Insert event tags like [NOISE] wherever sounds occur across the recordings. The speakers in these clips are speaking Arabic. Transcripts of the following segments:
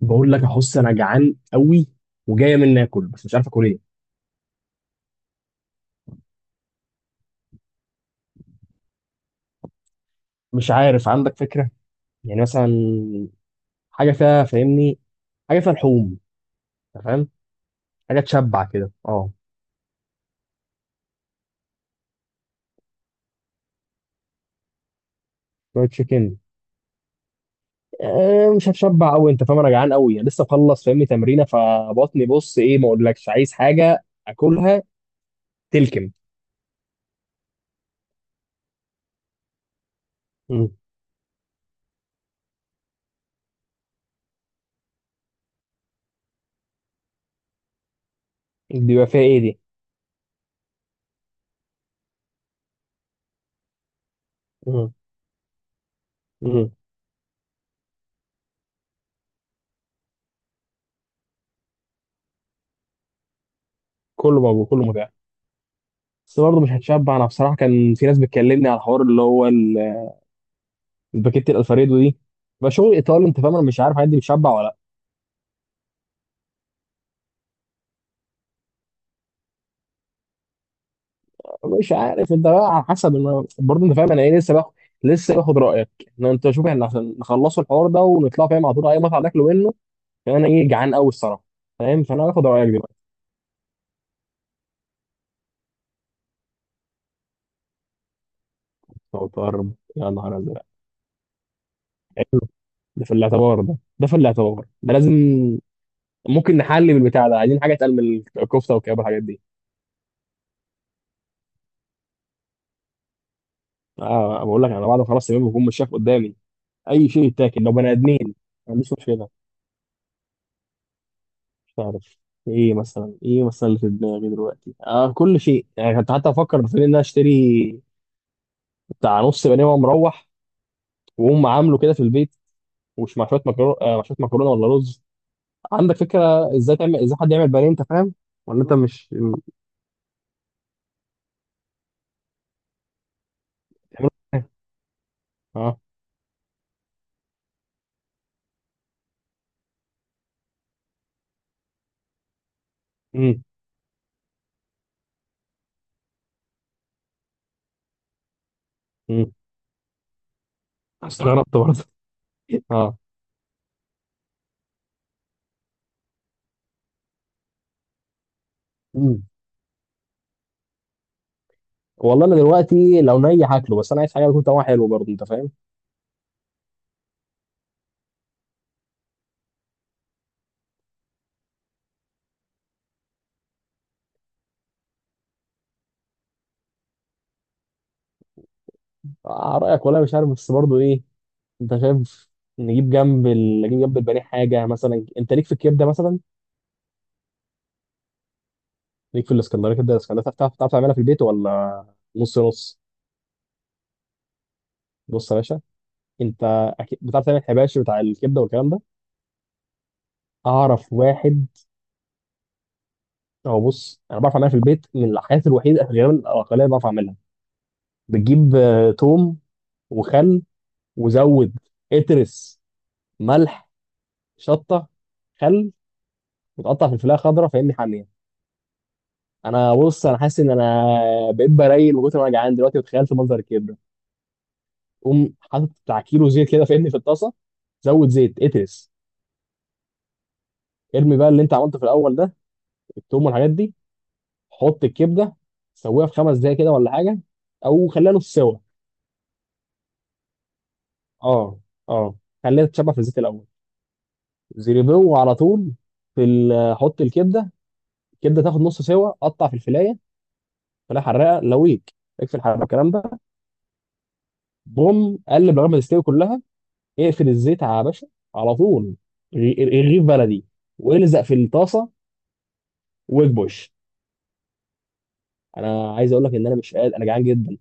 بقول لك يا حس، انا جعان قوي وجايه مني اكل، بس مش عارف اكل ايه. مش عارف، عندك فكره؟ يعني مثلا حاجه فيها، فاهمني، حاجه فيها لحوم، أنت فاهم، حاجه تشبع كده. اه، شويه تشيكن. مش هتشبع قوي، انت فاهم، انا جعان قوي يعني، لسه مخلص فاهمني تمرينه، فبطني بص ايه، ما اقولكش عايز حاجه اكلها. تلكم. مم. دي بقى فيها ايه دي؟ مم. مم. كله موجود، كله متاح. بس برضه مش هتشبع. انا بصراحه كان في ناس بتكلمني على الحوار اللي هو الباكيت الالفريدو دي، بقى شغل ايطالي، انت فاهم. انا مش عارف عندي بتشبع ولا لا. مش عارف، انت بقى على حسب. انا برضه، انت فاهم انا ايه، لسه باخد رايك. ان انت شوف، احنا عشان نخلصوا الحوار ده ونطلع فاهم على طول اي مطعم ناكله منه، عشان انا ايه، جعان قوي الصراحه. فاهم، فانا هاخد رايك دلوقتي. أو طرب. يا نهار ازرق. ده في الاعتبار ده لازم. ممكن نحل بالبتاع ده؟ عايزين حاجه اتقل من الكفته والكباب والحاجات دي. اه، بقول لك انا بعد ما خلاص تمام بكون مش شايف قدامي اي شيء يتاكل لو بني ادمين. ما عنديش مشكله. تعرف، ايه مثلا اللي في دماغي دلوقتي، كل شيء؟ يعني كنت حتى افكر في ان انا اشتري بتاع نص بانيه وانا مروح، واقوم عامله كده في البيت. ومش مع شويه مكرونه، مع شويه مكرونه ولا رز. عندك فكره ازاي حد يعمل بانيه، انت فاهم؟ ولا انت مش بتعمله؟ إزاي؟ اه. امم امم استغربت برضه. [LAUGHS] اه. امم والله انا دلوقتي لو ني هاكله، بس انا عايز حاجه تكون طعمها حلو برضه، انت فاهم. رايك ولا مش عارف، بس برضه ايه، انت شايف؟ نجيب جنب البانيه حاجه مثلا، انت ليك في الكبده مثلا؟ ليك في الاسكندريه، كبده الاسكندريه؟ بتعرف تعملها في البيت ولا نص نص؟ بص يا باشا، انت اكيد بتعرف تعمل حباشي بتاع الكبده والكلام ده. اعرف واحد. هو بص، انا بعرف اعملها في البيت، من الحاجات الوحيده غالبا الاقليه اللي بعرف اعملها. بتجيب توم، وخل، وزود، اترس ملح، شطه، خل، وتقطع في الفلاحه خضراء، فاهمني، حاميه. انا بص، انا حاسس ان انا بقيت برايل من كتر ما انا جعان دلوقتي، وتخيلت منظر الكبده. قوم حاطط بتاع كيلو زيت كده فاهمني في الطاسه، زود زيت، اترس. ارمي بقى اللي انت عملته في الاول ده، التوم والحاجات دي. حط الكبده، سويها في خمس دقايق كده ولا حاجه، او خليها نص سوا. اه. اه، خليها تتشبع في الزيت الاول، زيريبو على طول. حط الكبده. الكبده تاخد نص سوا، قطع في الفلايه، فلايه حراقه لويك، اقفل الحراره الكلام ده. بوم، قلب لغايه ما تستوي كلها، اقفل الزيت على باشا على طول. الرغيف بلدي، والزق في الطاسه، واكبش. انا عايز اقول لك ان انا مش قادر، انا جعان جدا.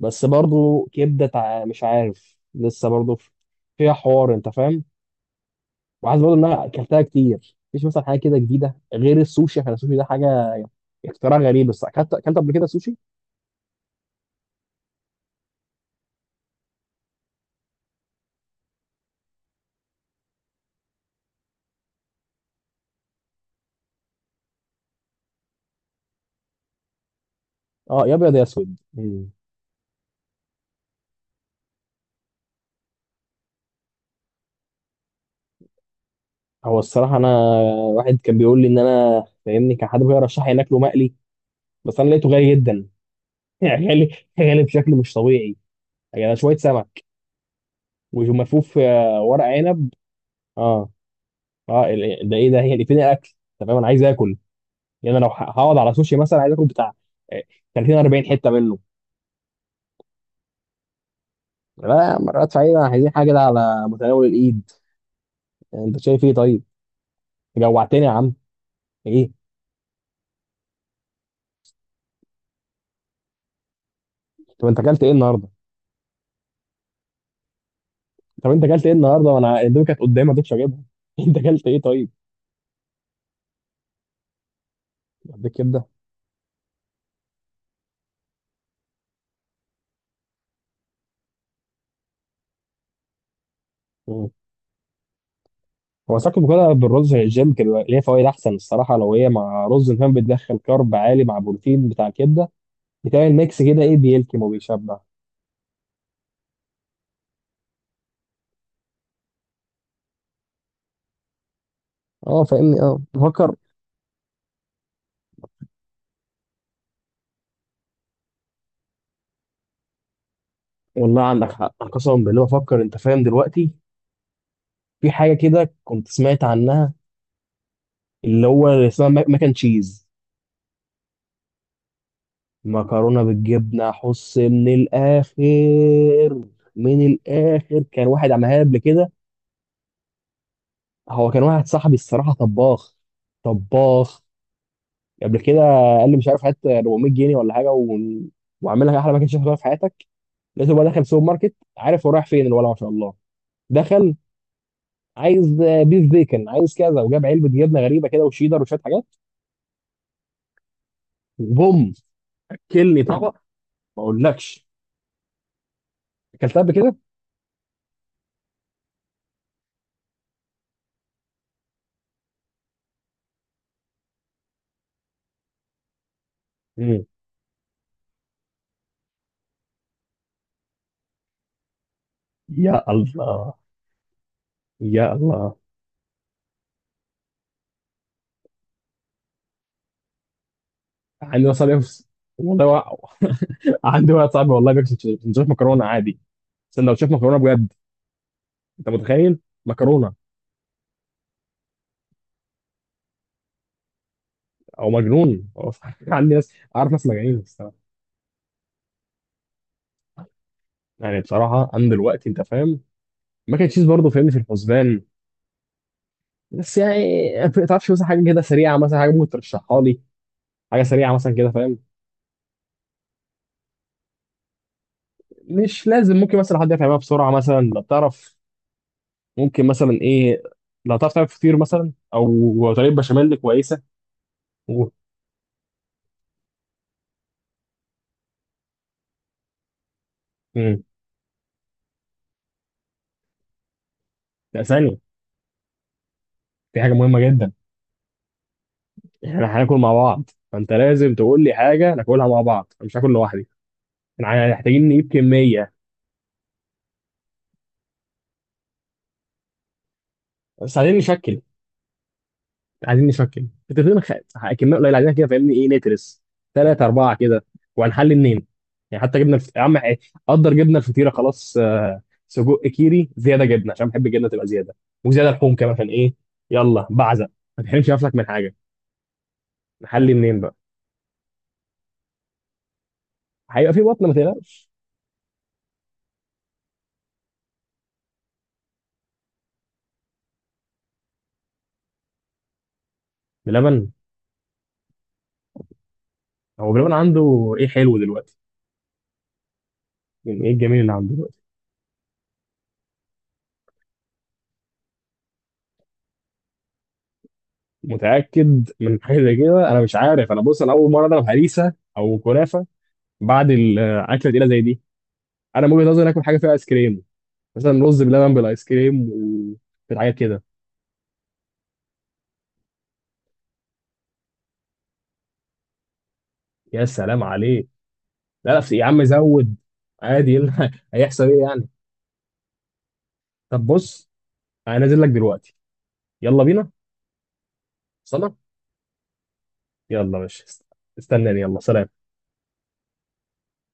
بس برضو كبده مش عارف، لسه برضو فيها حوار، انت فاهم. وعايز برضو، ان انا اكلتها كتير، مفيش مثلا حاجه كده جديده غير السوشي، عشان السوشي ده حاجه اختراع غريب. بس اكلت، اكلت قبل كده سوشي. اه، يا ابيض يا اسود. مم. هو الصراحه انا، واحد كان بيقول لي ان انا فاهمني، كان حد بيرشح لي ان اكله مقلي، بس انا لقيته غالي جدا. [LAUGHS] غالي، غالي بشكل مش طبيعي. يعني شويه سمك وملفوف، ورق عنب. اه. اه، ده ايه ده؟ هي اللي فين الاكل؟ تمام، انا عايز اكل. يعني انا لو هقعد على سوشي مثلا، عايز اكل بتاع آه، 30 40 حته منه. لا، مرات فعلا عايزين حاجه كده على متناول الايد. يعني انت شايف ايه طيب؟ جوعتني يا عم. ايه؟ طب انت اكلت ايه النهارده؟ طب انت اكلت ايه النهارده، وانا الاندومي كانت قدامي ما رضيتش اجيبها؟ [LAUGHS] انت اكلت ايه طيب؟ عندك كبده. هو ساكن مكرونه بالرز، الجيم كده ليها فوائد احسن الصراحه. لو هي مع رز كمان بتدخل كارب عالي مع بروتين بتاع كبده، بتعمل ميكس كده، ايه، بيلكم وبيشبع. اه فاهمني، اه بفكر. والله عندك حق، أنا قسما بالله بفكر، انت فاهم دلوقتي، في حاجه كده كنت سمعت عنها، اللي هو اللي اسمها ماك اند تشيز، مكرونه بالجبنه، احس من الاخر. من الاخر كان واحد عملها قبل كده. هو كان واحد صاحبي الصراحه، طباخ، طباخ قبل كده. قال لي مش عارف، هات 400 جنيه ولا حاجه واعمل لك احلى باكج تاكلها في حياتك. لقيته بقى دخل سوبر ماركت، عارف هو رايح فين، الولع ما شاء الله. دخل، عايز بيف بيكن، عايز كذا، وجاب علبه جبنه غريبه كده وشيدر وشويه حاجات. وبوم، اكلني طبق. ما اقولكش، اكلتها قبل كده. مم. يا الله، يا الله. عندي واحد صاحبي والله [LAUGHS] عندي واحد صاحبي والله بياكل سندوتشات مكرونه عادي، سندوتشات مكرونه بجد، انت متخيل؟ مكرونه. او مجنون. [LAUGHS] هو عندي ناس، اعرف ناس مجانين. يعني بصراحه انا دلوقتي، انت فاهم، ماك اند تشيز برضه فاهمني في الحسبان. بس يعني، ما تعرفش مثلا حاجه كده سريعه، مثلا حاجه ممكن ترشحها لي، حاجه سريعه مثلا كده فاهم؟ مش لازم، ممكن مثلا حد يفهمها بسرعه، مثلا لو تعرف، ممكن مثلا ايه، لو تعرف تعمل فطير مثلا او طريقه بشاميل كويسه. و... مم. لا، ثانيه، في حاجه مهمه جدا. احنا هناكل مع بعض، فانت لازم تقول لي حاجه ناكلها مع بعض، أنا مش هاكل لوحدي. احنا يعني محتاجين نجيب كميه، بس عايزين نشكل. عايزين نشكل فترتين، كميه قليله، عايزين كده فاهمني، ايه، نترس ثلاثه اربعه كده، وهنحل اتنين. يعني حتى جبنا يا عم إيه، قدر جبنا الفطيره خلاص، سجق كيري، زياده جبنه عشان بحب الجبنه تبقى زياده، وزياده لحوم كمان عشان ايه. يلا بعزق، ما تحرمش نفسك من حاجه. نحل منين بقى؟ هيبقى في بطن، ما تقلقش. بلبن. هو بلبن عنده ايه حلو دلوقتي؟ يعني ايه الجميل اللي عنده دلوقتي؟ متاكد من حاجه زي كده؟ انا مش عارف. انا بص، انا اول مره اضرب هريسه او كنافه بعد الاكله تقيله زي دي. انا من وجهه نظري، اكل حاجه فيها ايس كريم، مثلا رز بلبن بالايس كريم، وكده حاجه كده. يا سلام عليك. لا لا يا عم، زود، عادي، إيه اللي [LAUGHS] هيحصل ايه يعني؟ طب بص، انا نازل لك دلوقتي. يلا بينا. صنع. يلا ماشي، استناني. يلا سلام.